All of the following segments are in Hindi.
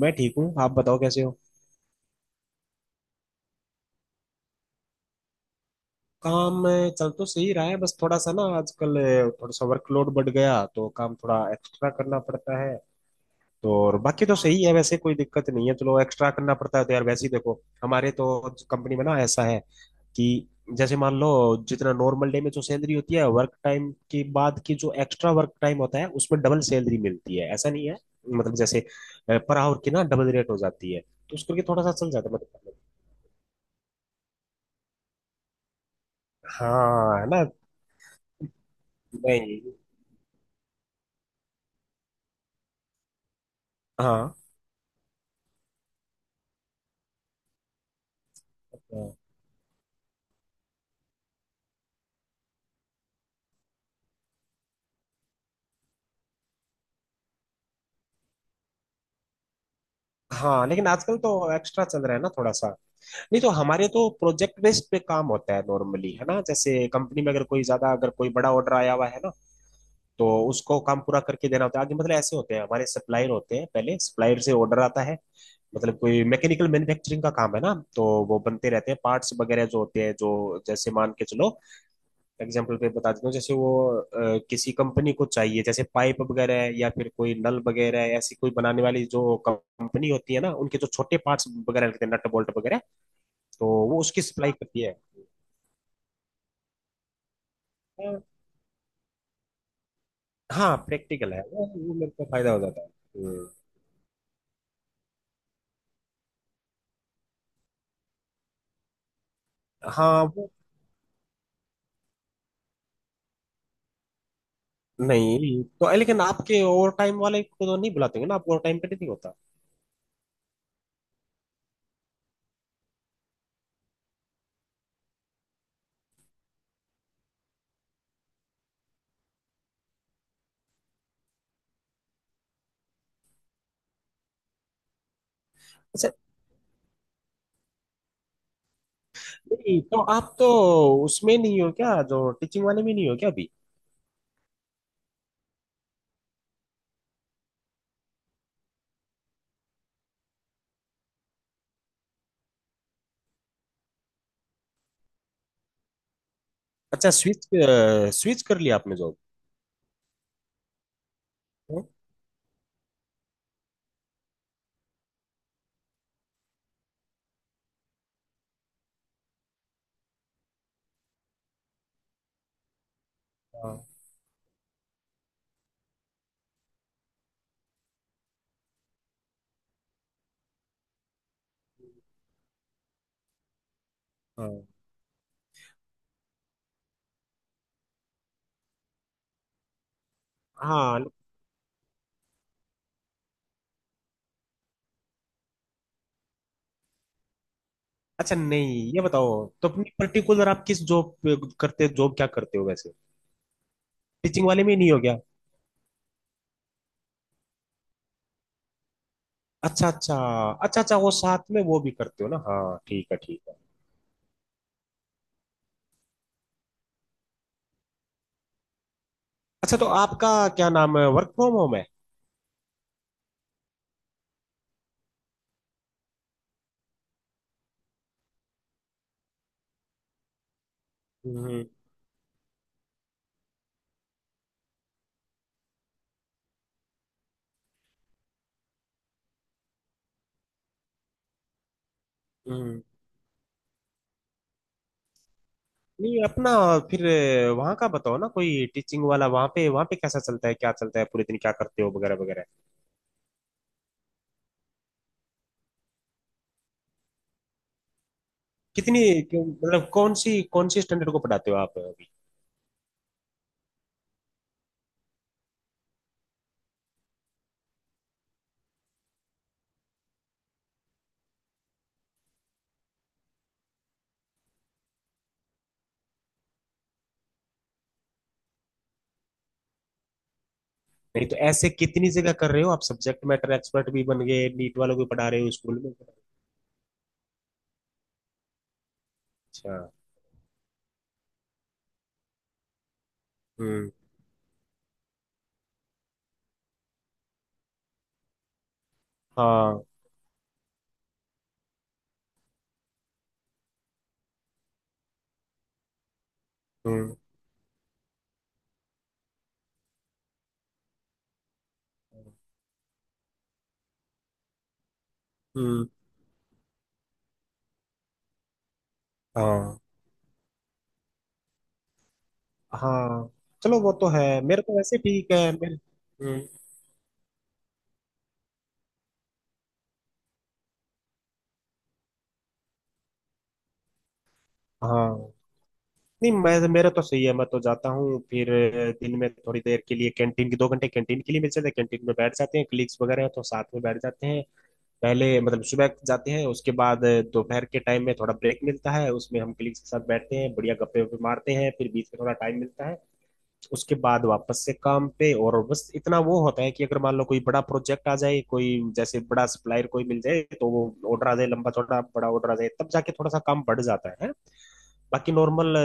मैं ठीक हूँ। आप बताओ कैसे हो। काम चल तो सही रहा है बस थोड़ा सा ना आजकल थोड़ा सा वर्कलोड बढ़ गया तो काम थोड़ा एक्स्ट्रा करना पड़ता है। तो और बाकी तो सही है वैसे कोई दिक्कत नहीं है। चलो एक्स्ट्रा करना पड़ता है तो यार वैसे ही देखो। हमारे तो कंपनी में ना ऐसा है कि जैसे मान लो जितना नॉर्मल डे में जो सैलरी होती है वर्क टाइम के बाद की जो एक्स्ट्रा वर्क टाइम होता है उसमें डबल सैलरी मिलती है ऐसा नहीं है। मतलब जैसे पर आवर की ना डबल रेट हो जाती है तो उसको करके थोड़ा सा चल जाता है मतलब। हाँ है ना। नहीं। हाँ। हाँ। हाँ, लेकिन आजकल तो एक्स्ट्रा चल रहा है ना थोड़ा सा। नहीं तो हमारे तो प्रोजेक्ट बेस्ड पे काम होता है नॉर्मली है ना, जैसे कंपनी में अगर कोई ज्यादा अगर कोई बड़ा ऑर्डर आया हुआ है ना तो उसको काम पूरा करके देना होता है आगे। मतलब ऐसे होते हैं हमारे सप्लायर होते हैं, पहले सप्लायर से ऑर्डर आता है। मतलब कोई मैकेनिकल मैन्युफैक्चरिंग का काम है ना तो वो बनते रहते हैं पार्ट्स वगैरह जो होते हैं, जो जैसे मान के चलो एग्जाम्पल पे बता देता हूँ, जैसे वो किसी कंपनी को चाहिए जैसे पाइप वगैरह है या फिर कोई नल वगैरह है, ऐसी कोई बनाने वाली जो कंपनी होती है ना उनके जो छोटे पार्ट्स वगैरह लगते हैं नट बोल्ट वगैरह, तो वो उसकी सप्लाई करती है। अ, हाँ प्रैक्टिकल है, वो मेरे को फायदा हो जाता है। हाँ वो। नहीं तो लेकिन आपके ओवर टाइम वाले को तो नहीं बुलाते होंगे ना, आप ओवर टाइम पे नहीं होता। अच्छा नहीं तो आप तो उसमें नहीं हो क्या, जो टीचिंग वाले में नहीं हो क्या अभी। अच्छा स्विच स्विच कर लिया आपने जॉब। हाँ। हाँ। हाँ। अच्छा नहीं ये बताओ, तो अपनी पर्टिकुलर आप किस जॉब करते, जॉब क्या करते हो वैसे। टीचिंग वाले में ही नहीं हो गया। अच्छा अच्छा। अच्छा अच्छा वो साथ में वो भी करते हो ना। हाँ ठीक है ठीक है। अच्छा तो आपका क्या नाम है, वर्क फ्रॉम होम है। हम्म। हम्म। नहीं अपना फिर वहाँ का बताओ ना, कोई टीचिंग वाला वहाँ पे, वहाँ पे कैसा चलता है क्या चलता है, पूरे दिन क्या करते हो वगैरह वगैरह। कितनी मतलब कौन सी स्टैंडर्ड को पढ़ाते हो आप अभी। नहीं तो ऐसे कितनी जगह कर रहे हो आप, सब्जेक्ट मैटर एक्सपर्ट भी बन गए, नीट वालों को पढ़ा रहे हो, स्कूल में। अच्छा। हम्म। हाँ। हम्म। हम्म। हाँ। हाँ। चलो वो तो है, मेरा तो वैसे ठीक है मेरे। हम्म। हाँ। नहीं मैं मेरा तो सही है। मैं तो जाता हूँ फिर दिन में थोड़ी देर के लिए कैंटीन की, 2 घंटे कैंटीन के लिए मिल जाते हैं, कैंटीन में बैठ जाते हैं, क्लिक्स वगैरह हैं तो साथ में बैठ जाते हैं। पहले मतलब सुबह जाते हैं, उसके बाद दोपहर के टाइम में थोड़ा ब्रेक मिलता है उसमें हम कलीग्स के साथ बैठते हैं, बढ़िया गप्पे वप्पे मारते हैं, फिर बीच में थोड़ा टाइम मिलता है उसके बाद वापस से काम पे। और बस इतना वो होता है कि अगर मान लो कोई बड़ा प्रोजेक्ट आ जाए, कोई जैसे बड़ा सप्लायर कोई मिल जाए तो वो ऑर्डर आ जाए, लंबा चौड़ा बड़ा ऑर्डर आ जाए, तब जाके थोड़ा सा काम बढ़ जाता है। बाकी नॉर्मल।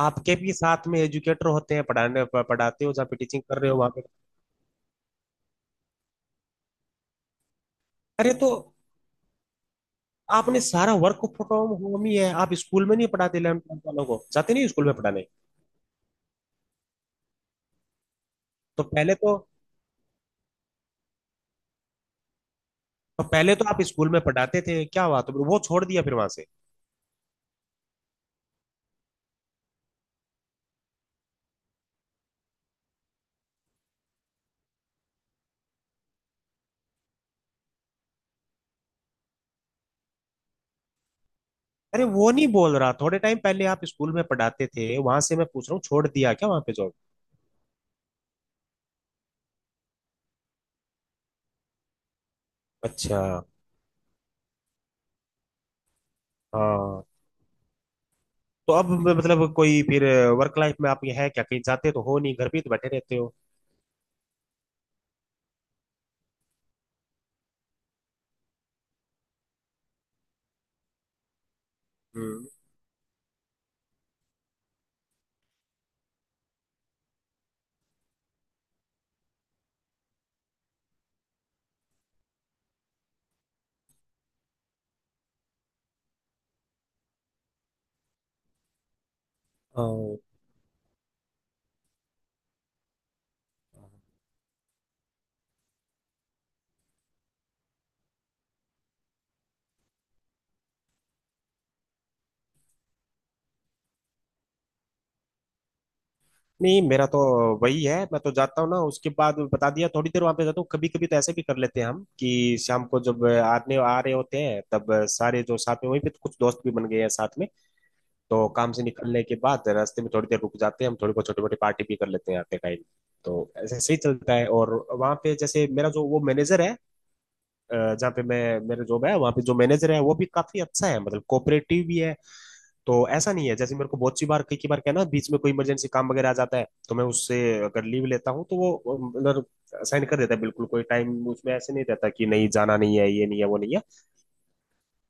आपके भी साथ में एजुकेटर होते हैं पढ़ाने, पढ़ाते हो जहाँ पे टीचिंग कर रहे हो वहां पे। अरे तो आपने सारा वर्क फ्रॉम होम ही है, आप स्कूल में नहीं पढ़ाते इलेवन ट्वेल्थ वालों को, जाते नहीं स्कूल में पढ़ाने। तो पहले तो आप स्कूल में पढ़ाते थे, क्या हुआ, तो वो छोड़ दिया फिर वहां से। अरे वो नहीं बोल रहा, थोड़े टाइम पहले आप स्कूल में पढ़ाते थे वहां से मैं पूछ रहा हूँ, छोड़ दिया क्या वहां पे जॉब। अच्छा। हाँ तो अब मतलब कोई फिर वर्क लाइफ में आप, ये है क्या, कहीं जाते तो हो नहीं घर पे ही तो बैठे रहते हो। हम्म। हाँ। नहीं मेरा तो वही है, मैं तो जाता हूँ ना उसके बाद बता दिया, थोड़ी देर वहां पे जाता हूँ, कभी कभी तो ऐसे भी कर लेते हैं हम कि शाम को जब आने आ रहे होते हैं तब सारे जो साथ में वहीं पे, तो कुछ दोस्त भी बन गए हैं साथ में, तो काम से निकलने के बाद रास्ते में थोड़ी देर रुक जाते हैं हम, थोड़ी बहुत छोटी मोटी पार्टी भी कर लेते हैं आते टाइम। तो ऐसे सही चलता है। और वहां पे जैसे मेरा जो वो मैनेजर है, जहाँ पे मैं, मेरा जॉब है वहाँ पे जो मैनेजर है वो भी काफी अच्छा है, मतलब कोऑपरेटिव भी है। तो ऐसा नहीं है, जैसे मेरे को बहुत सी बार कई कई बार कहना, बीच में कोई इमरजेंसी काम वगैरह आ जाता है तो मैं उससे अगर लीव लेता हूँ तो वो मतलब साइन कर देता है बिल्कुल, कोई टाइम उसमें ऐसे नहीं रहता कि नहीं जाना नहीं है, ये नहीं है वो नहीं है।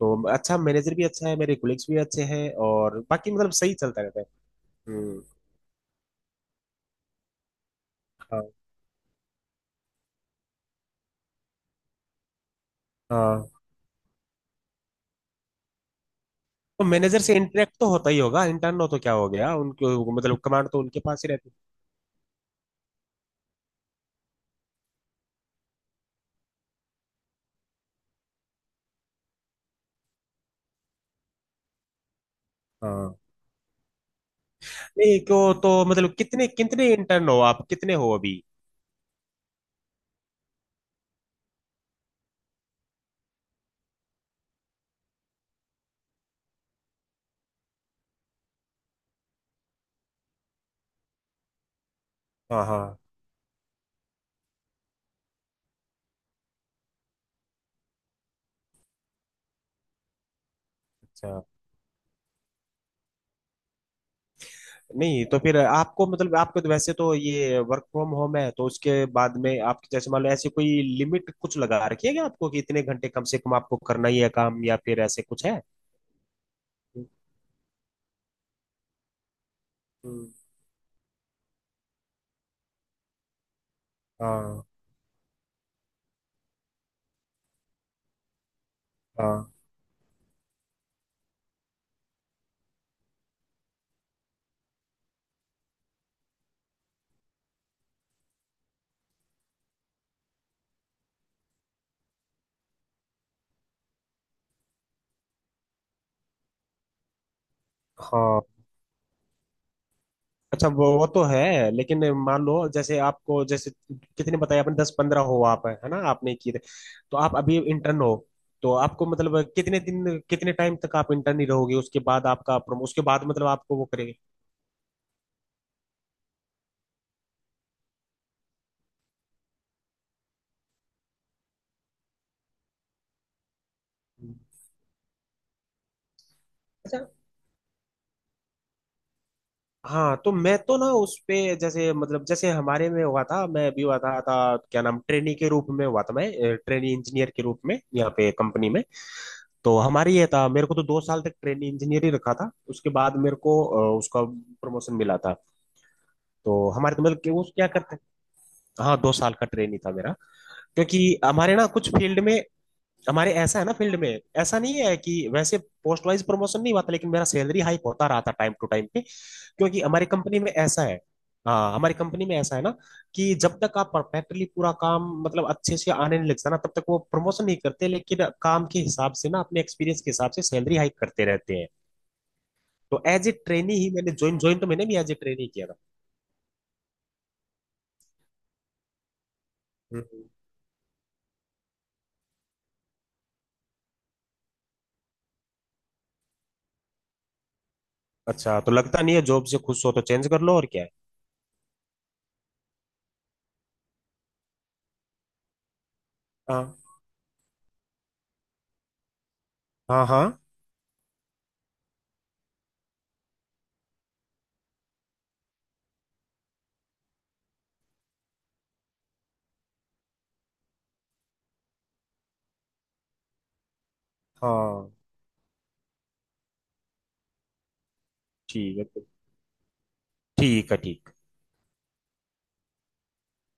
तो अच्छा, मैनेजर भी अच्छा है, मेरे कोलिग्स भी अच्छे हैं और बाकी मतलब सही चलता रहता है। हम्म। हाँ। हाँ तो मैनेजर से इंटरेक्ट तो होता ही होगा, इंटर्न हो तो क्या हो गया, उनके मतलब कमांड तो उनके पास ही रहती है। हाँ। नहीं क्यों, तो मतलब कितने कितने इंटर्न हो आप, कितने हो अभी। हाँ। हाँ। अच्छा नहीं तो फिर आपको मतलब, आपको तो वैसे तो ये वर्क फ्रॉम होम है, तो उसके बाद में आप जैसे मान लो ऐसे कोई लिमिट कुछ लगा रखी है क्या आपको कि इतने घंटे कम से कम आपको करना ही है काम, या फिर ऐसे कुछ है। हम्म, हाँ हाँ हाँ। अच्छा वो तो है, लेकिन मान लो जैसे आपको, जैसे कितने बताए आपने 10-15 हो आप, है ना, आपने किए थे। तो आप अभी इंटर्न हो, तो आपको मतलब कितने दिन कितने टाइम तक आप इंटर्न ही रहोगे, उसके बाद आपका उसके बाद मतलब आपको वो करेंगे। हाँ तो मैं तो ना उस पे जैसे मतलब जैसे हमारे में हुआ था, मैं भी हुआ था क्या नाम, ट्रेनी के रूप में हुआ था, मैं ट्रेनी इंजीनियर के रूप में यहाँ पे कंपनी में। तो हमारी ये था मेरे को तो 2 साल तक ट्रेनी इंजीनियर ही रखा था, उसके बाद मेरे को उसका प्रमोशन मिला था। तो हमारे तो मतलब कि वो क्या करते हैं, हाँ 2 साल का ट्रेनी था मेरा। क्योंकि हमारे ना कुछ फील्ड में, हमारे ऐसा है ना फील्ड में, ऐसा नहीं है कि वैसे पोस्ट वाइज प्रमोशन नहीं हुआ था, लेकिन मेरा सैलरी हाइक होता रहा था टाइम टू टाइम पे क्योंकि हमारी कंपनी में ऐसा है। हाँ हमारी कंपनी में ऐसा है ना कि जब तक आप परफेक्टली पूरा काम मतलब अच्छे से आने नहीं लगता ना तब तक वो प्रमोशन नहीं करते, लेकिन काम के हिसाब से ना अपने एक्सपीरियंस के हिसाब से सैलरी हाइक करते रहते हैं। तो एज ए ट्रेनी ही मैंने ज्वाइन, ज्वाइन तो मैंने भी एज ए ट्रेनी किया था। हम्म। अच्छा तो लगता नहीं है जॉब से खुश हो तो चेंज कर लो, और क्या है। हाँ। हाँ। हाँ। हाँ ठीक है ठीक है ठीक है।